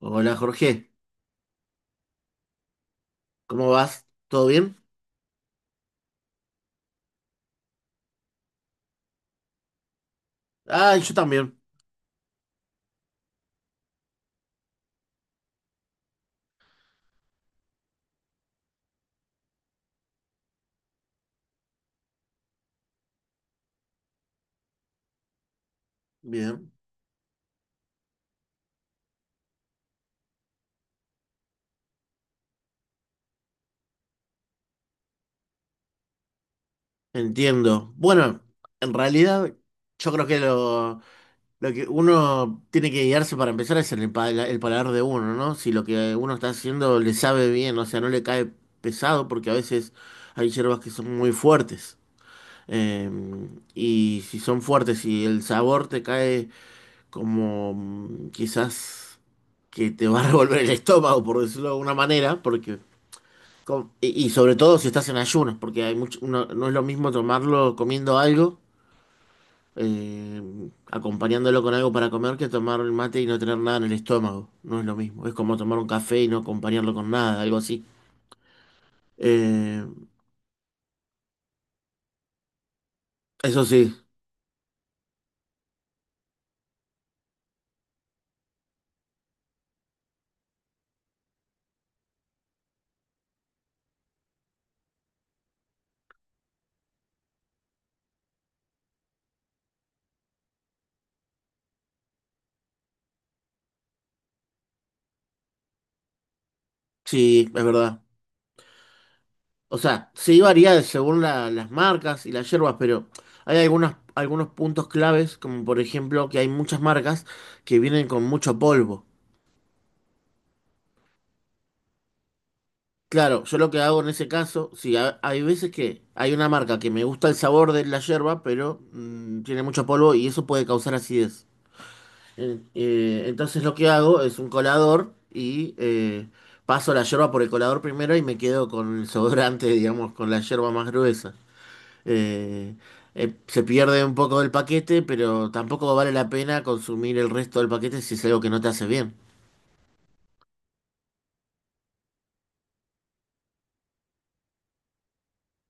Hola Jorge, ¿cómo vas? ¿Todo bien? Ah, yo también. Bien, entiendo. Bueno, en realidad yo creo que lo que uno tiene que guiarse para empezar es en el paladar de uno, ¿no? Si lo que uno está haciendo le sabe bien, o sea, no le cae pesado porque a veces hay hierbas que son muy fuertes. Eh, y si son fuertes y el sabor te cae como quizás que te va a revolver el estómago, por decirlo de alguna manera, porque Y, y sobre todo si estás en ayunas, porque hay mucho, no, no es lo mismo tomarlo comiendo algo, eh, acompañándolo con algo para comer, que tomar el mate y no tener nada en el estómago. No es lo mismo. Es como tomar un café y no acompañarlo con nada, algo así. Eh, Eso sí, sí, es verdad. O sea, sí varía según las marcas y las hierbas, pero hay algunas, algunos puntos claves, como por ejemplo que hay muchas marcas que vienen con mucho polvo. Claro, yo lo que hago en ese caso, sí, hay veces que hay una marca que me gusta el sabor de la yerba, pero tiene mucho polvo y eso puede causar acidez. Entonces lo que hago es un colador y paso la yerba por el colador primero y me quedo con el sobrante, digamos, con la yerba más gruesa. Eh, Se pierde un poco del paquete, pero tampoco vale la pena consumir el resto del paquete si es algo que no te hace bien.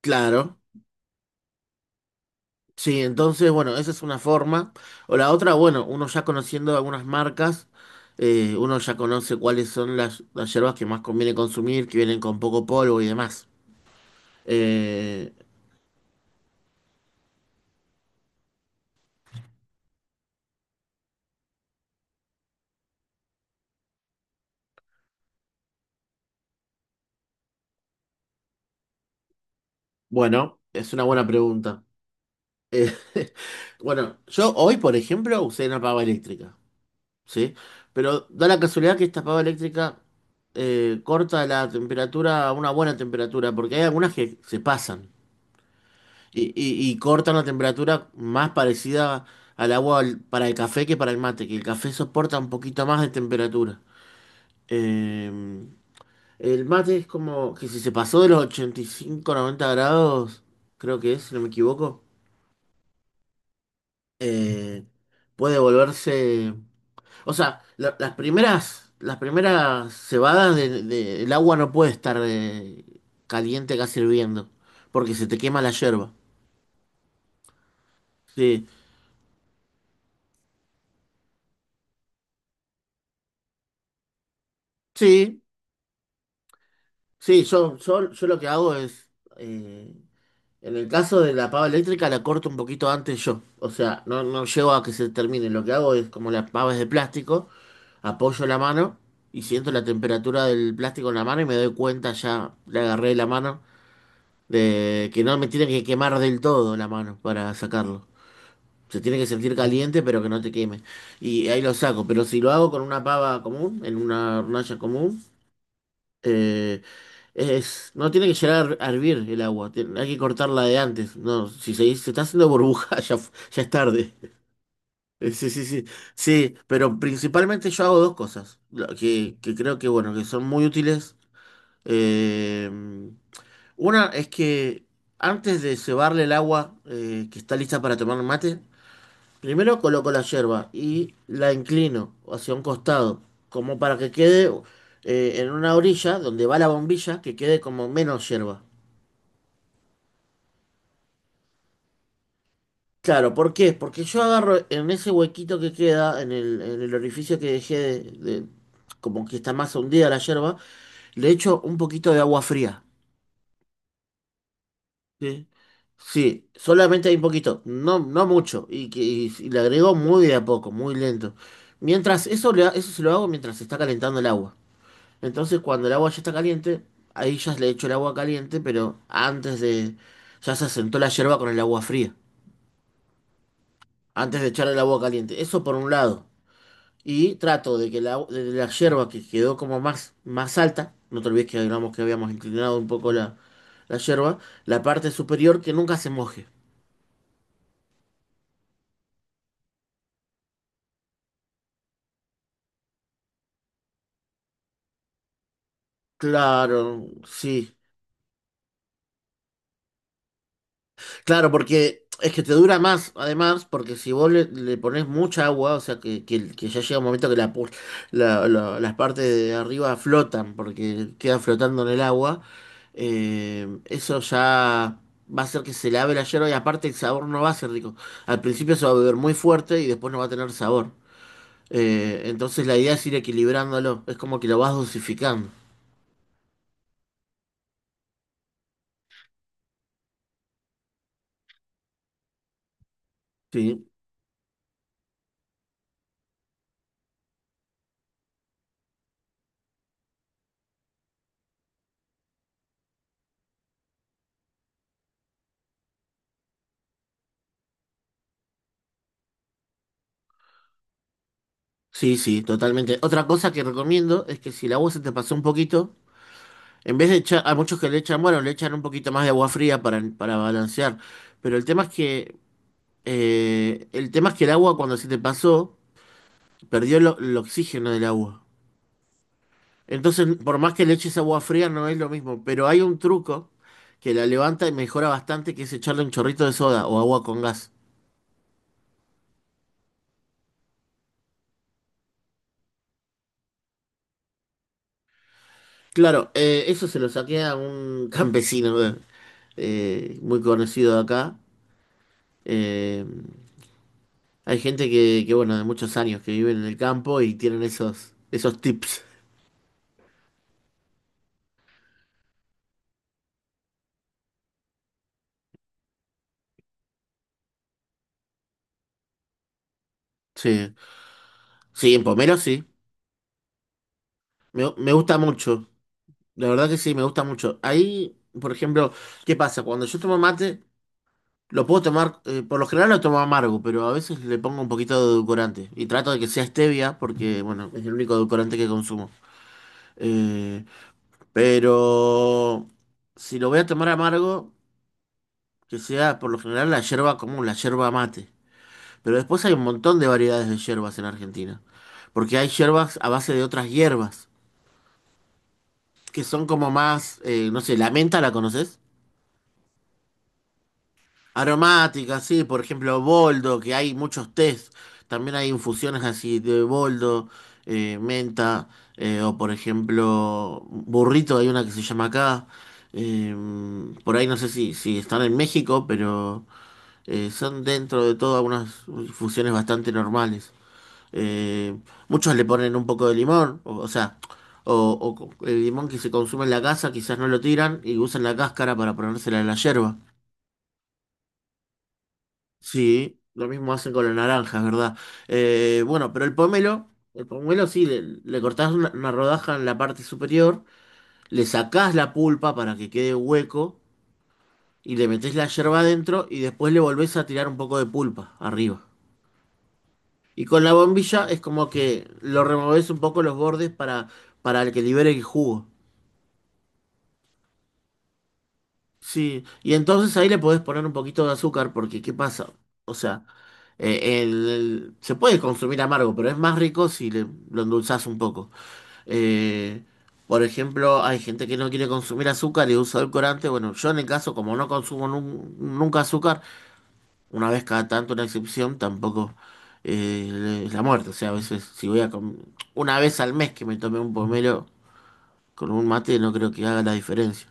Claro. Sí, entonces, bueno, esa es una forma. O la otra, bueno, uno ya conociendo algunas marcas, uno ya conoce cuáles son las hierbas que más conviene consumir, que vienen con poco polvo y demás. Eh, bueno, es una buena pregunta. Eh, bueno, yo hoy, por ejemplo, usé una pava eléctrica, ¿sí? Pero da la casualidad que esta pava eléctrica corta la temperatura a una buena temperatura, porque hay algunas que se pasan. Y, y cortan la temperatura más parecida al para el café que para el mate, que el café soporta un poquito más de temperatura. Eh, el mate es como que si se pasó de los 85, 90 grados, creo que es, si no me equivoco, eh, puede volverse... O sea, las primeras cebadas el agua no puede estar caliente casi hirviendo, porque se te quema la yerba. Sí. Sí, Sí, yo lo que hago es, eh, en el caso de la pava eléctrica la corto un poquito antes yo, o sea, no, no llego a que se termine, lo que hago es como la pava es de plástico, apoyo la mano y siento la temperatura del plástico en la mano y me doy cuenta ya, le agarré la mano, de que no me tiene que quemar del todo la mano para sacarlo. Se tiene que sentir caliente pero que no te queme. Y ahí lo saco, pero si lo hago con una pava común, en una hornalla común, eh, es, no tiene que llegar a hervir el agua, hay que cortarla de antes. No, si se está haciendo burbuja, ya, ya es tarde. Sí, sí, sí. Sí, pero principalmente yo hago dos cosas que creo que, bueno, que son muy útiles. Eh, una es que antes de cebarle el agua que está lista para tomar mate, primero coloco la yerba y la inclino hacia un costado, como para que quede en una orilla donde va la bombilla, que quede como menos yerba. Claro, ¿por qué? Porque yo agarro en ese huequito que queda, en en el orificio que dejé de- como que está más hundida la yerba, le echo un poquito de agua fría. ¿Sí? Sí, solamente hay un poquito, no, no mucho, y le agrego muy de a poco, muy lento. Mientras, eso, eso se lo hago mientras se está calentando el agua. Entonces, cuando el agua ya está caliente, ahí ya le echo el agua caliente, pero antes de... Ya se asentó la yerba con el agua fría, antes de echar el agua caliente. Eso por un lado. Y trato de que de la yerba que quedó como más, más alta, no te olvides que hablamos que habíamos inclinado un poco la yerba, la parte superior que nunca se moje. Claro, sí. Claro, porque es que te dura más, además, porque si vos le pones mucha agua, o sea, que ya llega un momento que la, pu- la- la- las partes de arriba flotan, porque queda flotando en el agua, eso ya va a hacer que se lave la hierba y aparte el sabor no va a ser rico. Al principio se va a beber muy fuerte y después no va a tener sabor. Entonces la idea es ir equilibrándolo, es como que lo vas dosificando. Sí, sí, sí, totalmente. Otra cosa que recomiendo es que si el agua se te pasó un poquito, en vez de echar, a muchos que le echan, bueno, le echan un poquito más de agua fría para balancear. Pero el tema es que, el agua cuando se te pasó, perdió el oxígeno del agua. Entonces, por más que le eches agua fría, no es lo mismo. Pero hay un truco que la levanta y mejora bastante, que es echarle un chorrito de soda o agua con gas. Claro, eso se lo saqué a un campesino muy conocido de acá. Eh, Hay gente que, bueno, de muchos años que viven en el campo y tienen esos tips. Sí, sí, en Pomero sí. Me gusta mucho. La verdad que sí, me gusta mucho. Ahí, por ejemplo, ¿qué pasa? Cuando yo tomo mate, lo puedo tomar, por lo general lo tomo amargo, pero a veces le pongo un poquito de edulcorante. Y trato de que sea stevia, porque, bueno, es el único edulcorante que consumo. Eh, pero si lo voy a tomar amargo, que sea por lo general la yerba común, la yerba mate. Pero después hay un montón de variedades de hierbas en Argentina. Porque hay hierbas a base de otras hierbas, que son como más, no sé, la menta, ¿la conoces? Aromática sí, por ejemplo, boldo, que hay muchos tés. También hay infusiones así de boldo, menta, o por ejemplo, burrito, hay una que se llama acá. Eh, por ahí no sé si están en México, pero son dentro de todo unas infusiones bastante normales. Eh, Muchos le ponen un poco de limón, o sea, o, el limón que se consume en la casa quizás no lo tiran y usan la cáscara para ponérsela en la yerba. Sí, lo mismo hacen con la naranja, es verdad. Eh, bueno, pero el pomelo, el pomelo sí, le cortás una rodaja en la parte superior, le sacás la pulpa para que quede hueco y le metés la yerba adentro y después le volvés a tirar un poco de pulpa arriba. Y con la bombilla es como que lo removés un poco los bordes para que libere el jugo. Sí, y entonces ahí le podés poner un poquito de azúcar porque ¿qué pasa? O sea, se puede consumir amargo, pero es más rico si lo endulzás un poco. Eh, por ejemplo, hay gente que no quiere consumir azúcar y usa edulcorante. Bueno, yo en el caso, como no consumo nunca azúcar, una vez cada tanto una excepción, tampoco es la muerte. O sea, a veces si voy a una vez al mes que me tome un pomelo con un mate, no creo que haga la diferencia.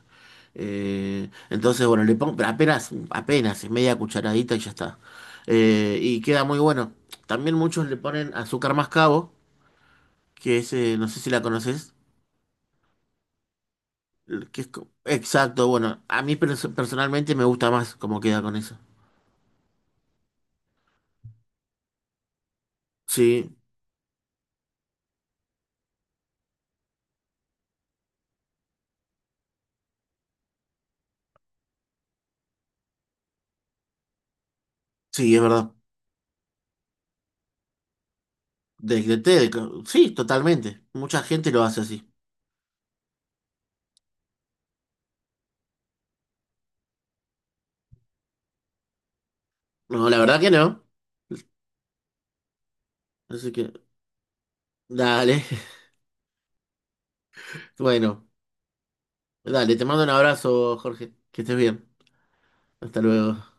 Entonces, bueno, le pongo, pero apenas, apenas, es media cucharadita y ya está. Y queda muy bueno. También muchos le ponen azúcar mascabo, que es, no sé si la conoces, que es exacto, bueno, a mí personalmente me gusta más cómo queda con eso. Sí, sí, es verdad. Desde té, sí, totalmente. Mucha gente lo hace así. No, la verdad que no. Así que, dale. Bueno, dale, te mando un abrazo, Jorge. Que estés bien. Hasta luego.